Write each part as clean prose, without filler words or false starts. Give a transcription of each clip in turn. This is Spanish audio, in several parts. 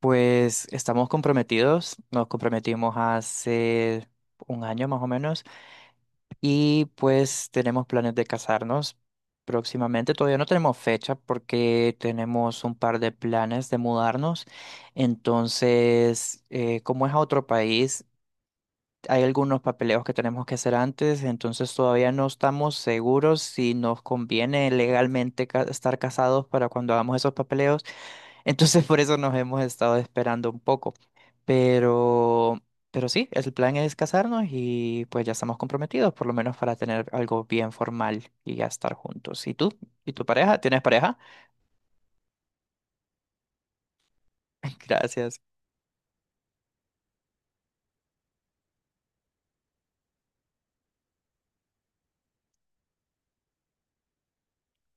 Pues estamos comprometidos, nos comprometimos hace un año más o menos y pues tenemos planes de casarnos próximamente. Todavía no tenemos fecha porque tenemos un par de planes de mudarnos. Entonces, como es a otro país, hay algunos papeleos que tenemos que hacer antes, entonces todavía no estamos seguros si nos conviene legalmente estar casados para cuando hagamos esos papeleos. Entonces por eso nos hemos estado esperando un poco. Pero, pero sí, el plan es casarnos y pues ya estamos comprometidos, por lo menos para tener algo bien formal y ya estar juntos. ¿Y tú? ¿Y tu pareja? ¿Tienes pareja? Gracias.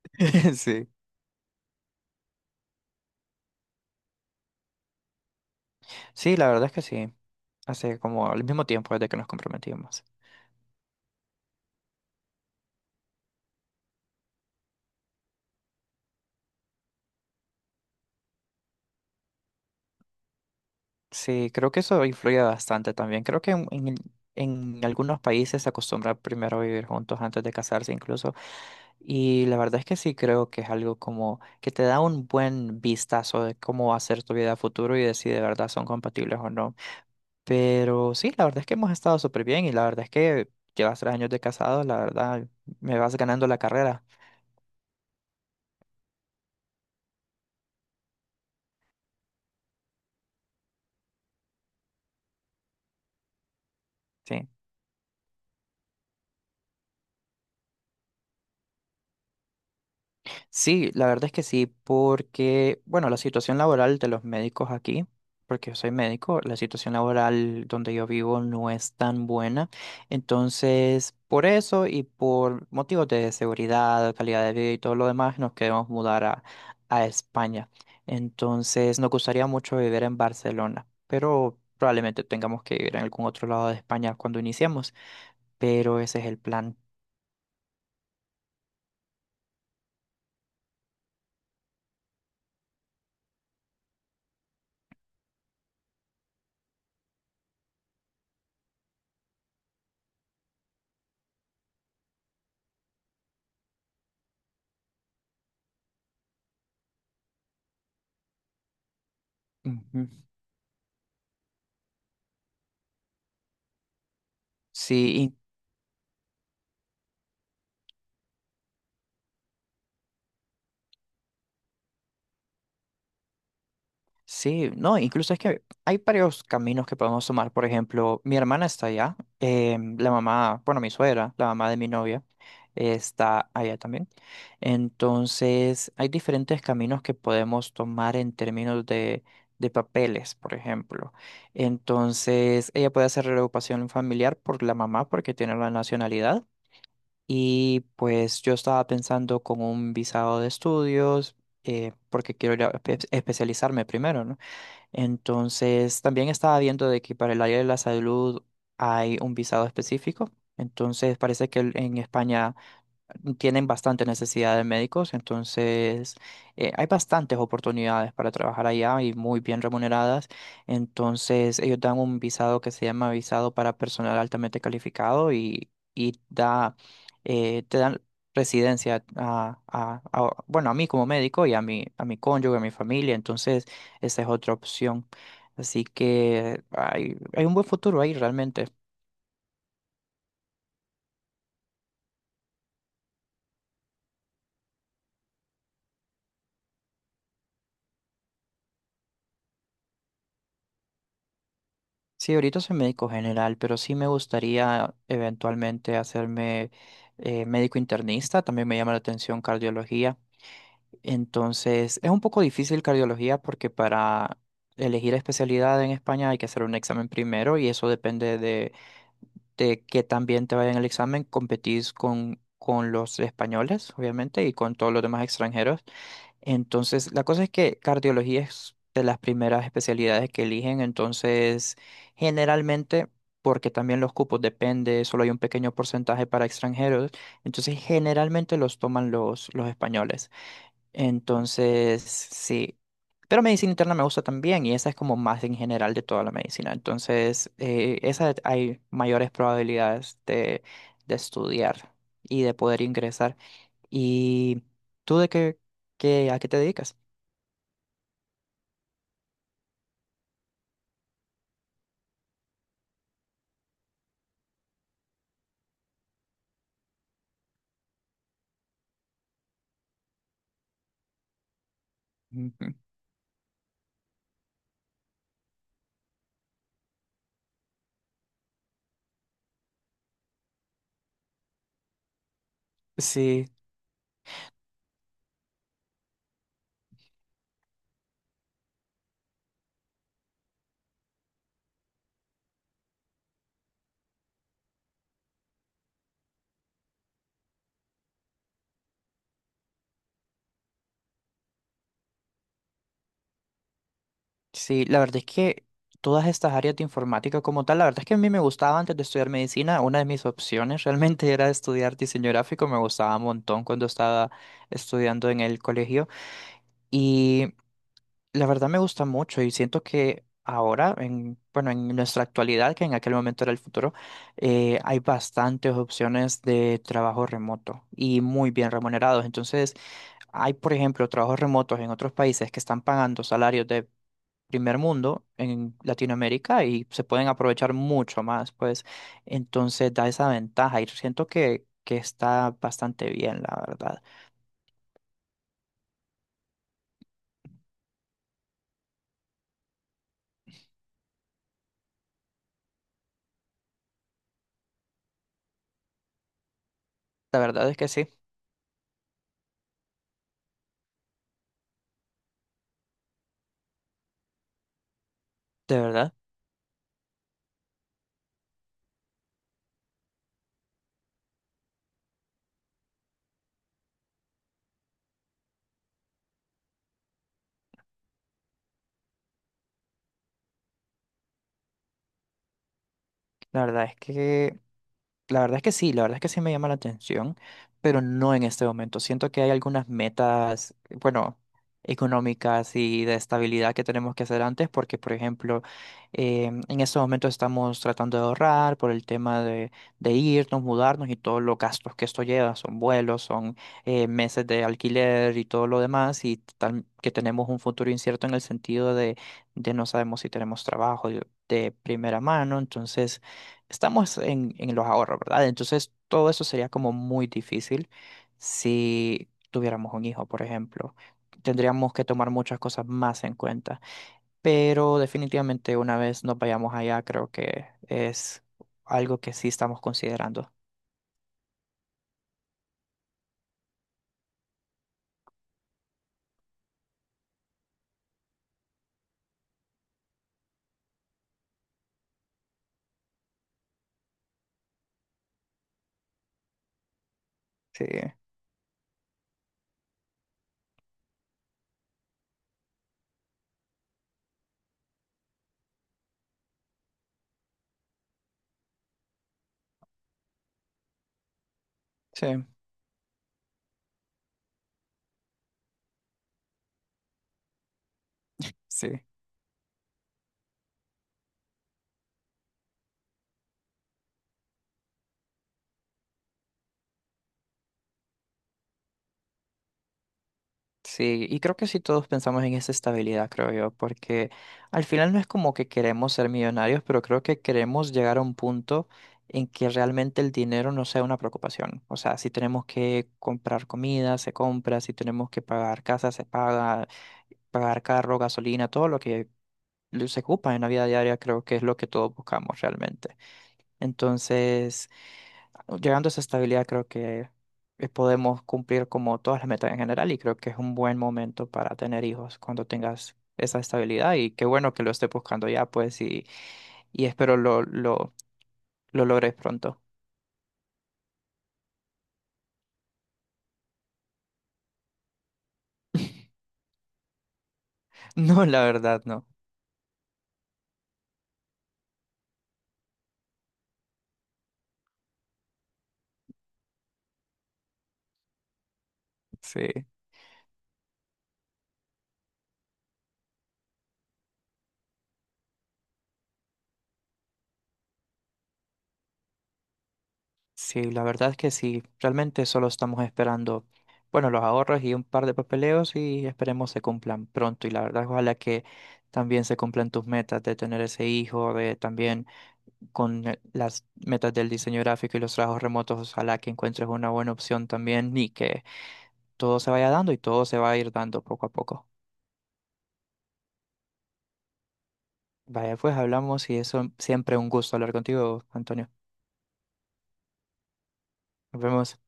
Sí. Sí, la verdad es que sí. Hace como al mismo tiempo desde que nos comprometimos. Sí, creo que eso influye bastante también. Creo que en algunos países se acostumbra primero a vivir juntos antes de casarse incluso. Y la verdad es que sí creo que es algo como que te da un buen vistazo de cómo va a ser tu vida a futuro y de si de verdad son compatibles o no. Pero sí, la verdad es que hemos estado súper bien y la verdad es que llevas 3 años de casado, la verdad me vas ganando la carrera. Sí. Sí, la verdad es que sí, porque, bueno, la situación laboral de los médicos aquí, porque yo soy médico, la situación laboral donde yo vivo no es tan buena. Entonces, por eso y por motivos de seguridad, calidad de vida y todo lo demás, nos queremos mudar a, España. Entonces, nos gustaría mucho vivir en Barcelona, pero probablemente tengamos que vivir en algún otro lado de España cuando iniciemos, pero ese es el plan. Ujú. Sí, sí, no, incluso es que hay varios caminos que podemos tomar. Por ejemplo, mi hermana está allá, la mamá, bueno, mi suegra, la mamá de mi novia, está allá también. Entonces, hay diferentes caminos que podemos tomar en términos de papeles, por ejemplo. Entonces, ella puede hacer reagrupación familiar por la mamá porque tiene la nacionalidad. Y pues yo estaba pensando con un visado de estudios, porque quiero ir a especializarme primero, ¿no? Entonces, también estaba viendo de que para el área de la salud hay un visado específico. Entonces, parece que en España tienen bastante necesidad de médicos, entonces hay bastantes oportunidades para trabajar allá y muy bien remuneradas. Entonces ellos dan un visado que se llama visado para personal altamente calificado y da, te dan residencia a, bueno, a mí como médico y a mi cónyuge, a mi familia, entonces esa es otra opción. Así que hay un buen futuro ahí realmente. Sí, ahorita soy médico general, pero sí me gustaría eventualmente hacerme médico internista. También me llama la atención cardiología. Entonces, es un poco difícil cardiología porque para elegir especialidad en España hay que hacer un examen primero y eso depende de, que también te vaya en el examen. Competís con los españoles, obviamente, y con todos los demás extranjeros. Entonces, la cosa es que cardiología es de las primeras especialidades que eligen, entonces generalmente, porque también los cupos depende, solo hay un pequeño porcentaje para extranjeros, entonces generalmente los toman los españoles. Entonces, sí. Pero medicina interna me gusta también y esa es como más en general de toda la medicina. Entonces, esa hay mayores probabilidades de estudiar y de poder ingresar. ¿Y tú de a qué te dedicas? Ujú. Sí, sí, la verdad es que todas estas áreas de informática como tal, la verdad es que a mí me gustaba antes de estudiar medicina, una de mis opciones realmente era estudiar diseño gráfico, me gustaba un montón cuando estaba estudiando en el colegio y la verdad me gusta mucho y siento que ahora, en, bueno, en nuestra actualidad, que en aquel momento era el futuro, hay bastantes opciones de trabajo remoto y muy bien remunerados, entonces... Hay, por ejemplo, trabajos remotos en otros países que están pagando salarios de primer mundo en Latinoamérica y se pueden aprovechar mucho más, pues entonces da esa ventaja y siento que está bastante bien, la verdad. La verdad es que sí, de verdad. La verdad es que La verdad es que sí, la verdad es que sí me llama la atención, pero no en este momento. Siento que hay algunas metas, bueno, económicas y de estabilidad que tenemos que hacer antes, porque, por ejemplo, en estos momentos estamos tratando de ahorrar por el tema de irnos, mudarnos y todos los gastos que esto lleva, son vuelos, son meses de alquiler y todo lo demás, y tal que tenemos un futuro incierto en el sentido de no sabemos si tenemos trabajo de primera mano, entonces estamos en los ahorros, ¿verdad? Entonces, todo eso sería como muy difícil si tuviéramos un hijo, por ejemplo. Tendríamos que tomar muchas cosas más en cuenta. Pero definitivamente una vez nos vayamos allá, creo que es algo que sí estamos considerando. Sí, sí, sí. Sí, y creo que sí todos pensamos en esa estabilidad, creo yo, porque al final no es como que queremos ser millonarios, pero creo que queremos llegar a un punto en que realmente el dinero no sea una preocupación. O sea, si tenemos que comprar comida, se compra, si tenemos que pagar casa, se paga, pagar carro, gasolina, todo lo que se ocupa en la vida diaria, creo que es lo que todos buscamos realmente. Entonces, llegando a esa estabilidad, creo que podemos cumplir como todas las metas en general y creo que es un buen momento para tener hijos cuando tengas esa estabilidad y qué bueno que lo estés buscando ya, pues, y espero lo logres pronto. No, la verdad, no. Sí, sí, la verdad es que sí, realmente solo estamos esperando, bueno, los ahorros y un par de papeleos y esperemos se cumplan pronto y la verdad, ojalá que también se cumplan tus metas de tener ese hijo, de también con las metas del diseño gráfico y los trabajos remotos, ojalá que encuentres una buena opción también y que todo se vaya dando y todo se va a ir dando poco a poco. Vaya, pues hablamos y eso siempre un gusto hablar contigo, Antonio. Nos vemos.